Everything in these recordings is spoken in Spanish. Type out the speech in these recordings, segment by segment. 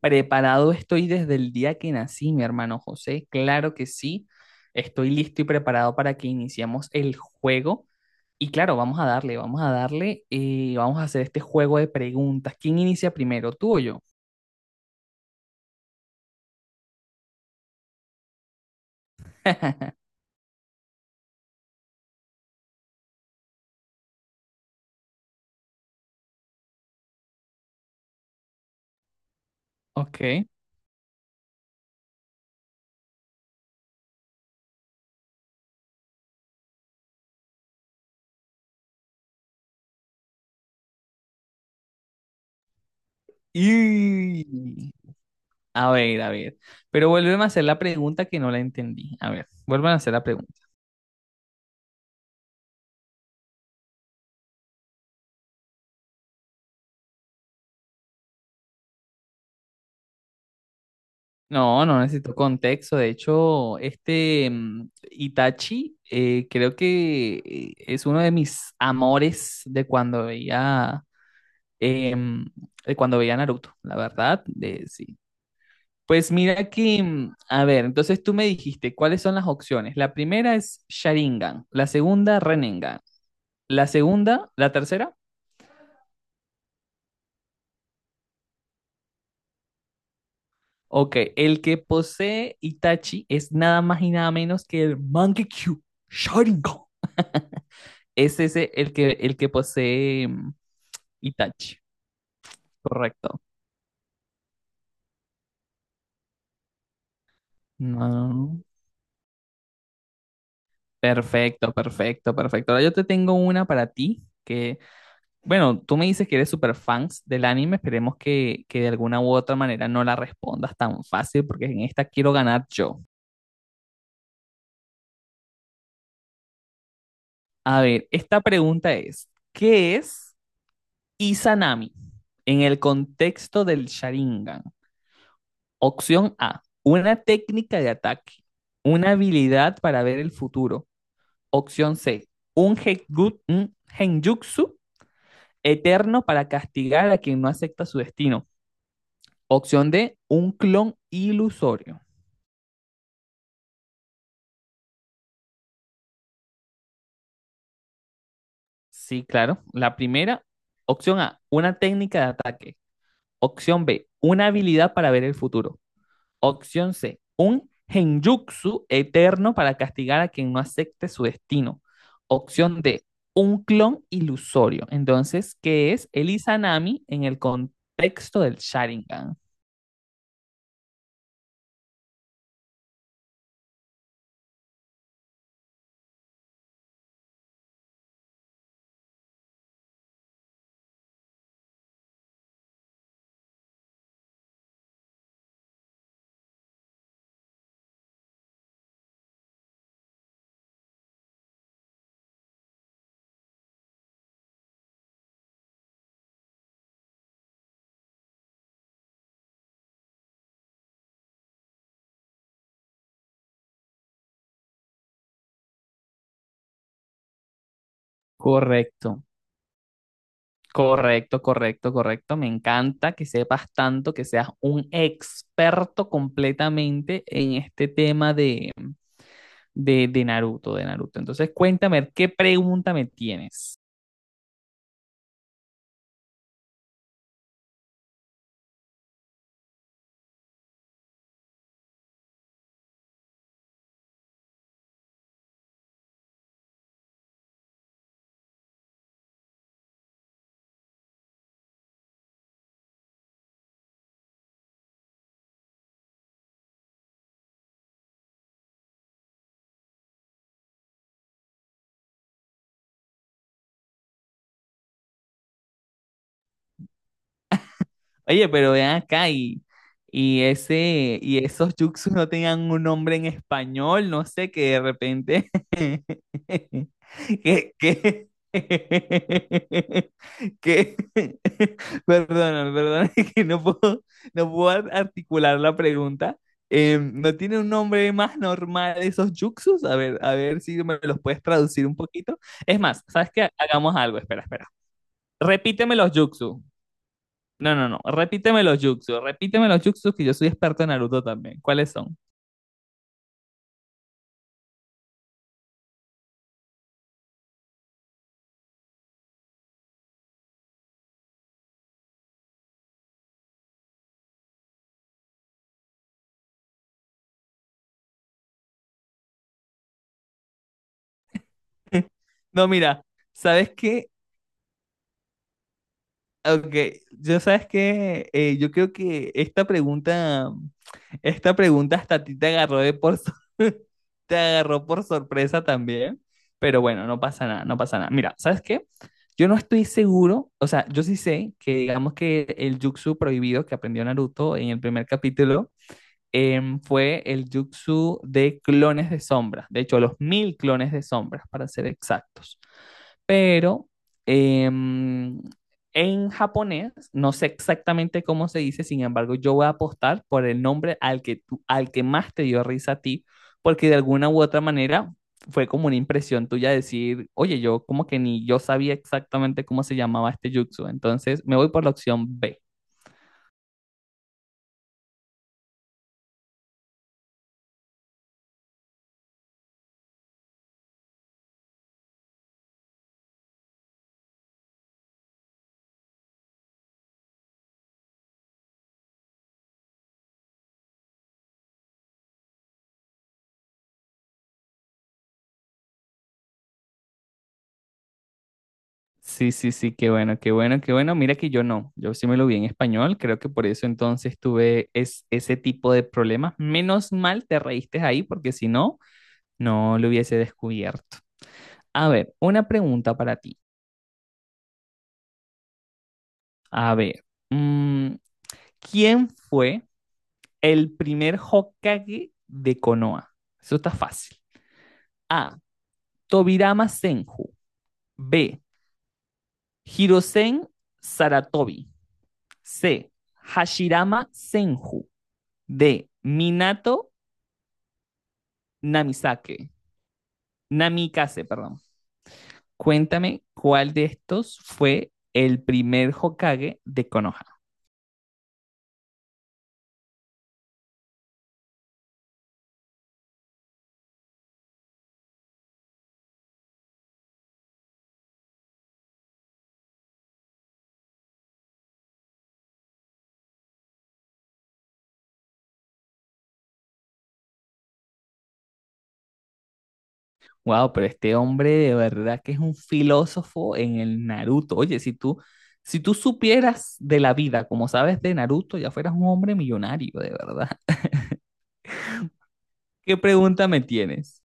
Preparado estoy desde el día que nací, mi hermano José. Claro que sí. Estoy listo y preparado para que iniciemos el juego. Y claro, vamos a darle y vamos a hacer este juego de preguntas. ¿Quién inicia primero, tú o yo? Ok. Y... A ver, a ver. Pero vuélveme a hacer la pregunta que no la entendí. A ver, vuélveme a hacer la pregunta. No, no necesito contexto. De hecho, Itachi, creo que es uno de mis amores de cuando veía em, de cuando veía Naruto, la verdad, de sí. Pues mira que, a ver, entonces tú me dijiste cuáles son las opciones. La primera es Sharingan, la segunda Renengan, la segunda, la tercera. Ok, el que posee Itachi es nada más y nada menos que el Mangekyou Sharingan. Es ese el que posee. Itachi, correcto. No. Perfecto, perfecto, perfecto. Ahora yo te tengo una para ti que, bueno, tú me dices que eres super fans del anime, esperemos que de alguna u otra manera no la respondas tan fácil porque en esta quiero ganar yo. A ver, esta pregunta es, ¿qué es Izanami en el contexto del Sharingan? Opción A, una técnica de ataque, una habilidad para ver el futuro. Opción C, un genjutsu un Henjutsu eterno para castigar a quien no acepta su destino. Opción D, un clon ilusorio. Sí, claro. La primera, opción A, una técnica de ataque. Opción B, una habilidad para ver el futuro. Opción C, un genjutsu eterno para castigar a quien no acepte su destino. Opción D, un clon ilusorio. Entonces, ¿qué es el Izanami en el contexto del Sharingan? Correcto, correcto, correcto, correcto. Me encanta que sepas tanto, que seas un experto completamente en este tema de Naruto, de Naruto. Entonces, cuéntame, ¿qué pregunta me tienes? Oye, pero vean acá y ese y esos yuxus no tenían un nombre en español, no sé, que de repente que que perdona, perdona, que no puedo articular la pregunta. ¿No tiene un nombre más normal esos yuxus? A ver si me los puedes traducir un poquito. Es más, ¿sabes qué? Hagamos algo, espera, espera. Repíteme los yuxus. No, no, no. Repíteme los jutsu. Repíteme los jutsu que yo soy experto en Naruto también. ¿Cuáles son? No, mira, ¿sabes qué? Ok, yo sabes que yo creo que esta pregunta hasta a ti te agarró te agarró por sorpresa también, pero bueno, no pasa nada, no pasa nada. Mira, ¿sabes qué? Yo no estoy seguro, o sea, yo sí sé que digamos que el jutsu prohibido que aprendió Naruto en el primer capítulo, fue el jutsu de clones de sombras, de hecho los mil clones de sombras para ser exactos, pero em, en japonés no sé exactamente cómo se dice, sin embargo yo voy a apostar por el nombre al que al que más te dio risa a ti, porque de alguna u otra manera fue como una impresión tuya decir, oye, yo como que ni yo sabía exactamente cómo se llamaba este jutsu, entonces me voy por la opción B. Sí, sí, sí, qué bueno, qué bueno, qué bueno. Mira que yo no, yo sí me lo vi en español, creo que por eso entonces tuve ese tipo de problemas. Menos mal te reíste ahí porque si no, no lo hubiese descubierto. A ver, una pregunta para ti. A ver, mm, ¿quién fue el primer Hokage de Konoha? Eso está fácil. A. Tobirama Senju. B. Hirosen Saratobi. C. Hashirama Senju. De Minato Namisake, Namikaze, perdón. Cuéntame cuál de estos fue el primer Hokage de Konoha. Wow, pero este hombre de verdad que es un filósofo en el Naruto. Oye, si tú, si tú supieras de la vida, como sabes de Naruto, ya fueras un hombre millonario, de verdad. ¿Qué pregunta me tienes?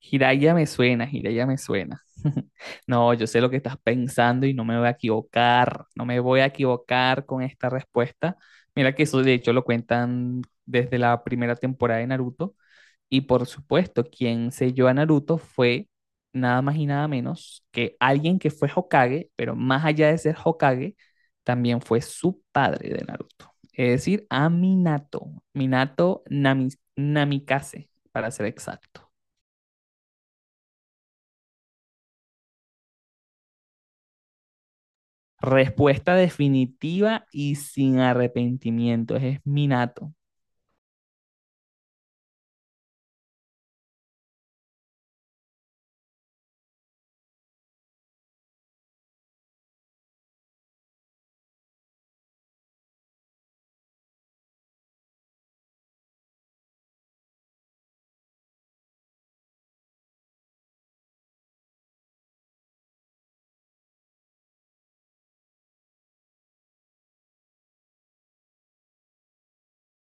Jiraiya me suena, Jiraiya me suena. No, yo sé lo que estás pensando y no me voy a equivocar, no me voy a equivocar con esta respuesta. Mira que eso de hecho lo cuentan desde la primera temporada de Naruto y por supuesto quien selló a Naruto fue nada más y nada menos que alguien que fue Hokage, pero más allá de ser Hokage, también fue su padre de Naruto, es decir, a Minato, Namikaze, para ser exacto. Respuesta definitiva y sin arrepentimiento. Ese es mi nato.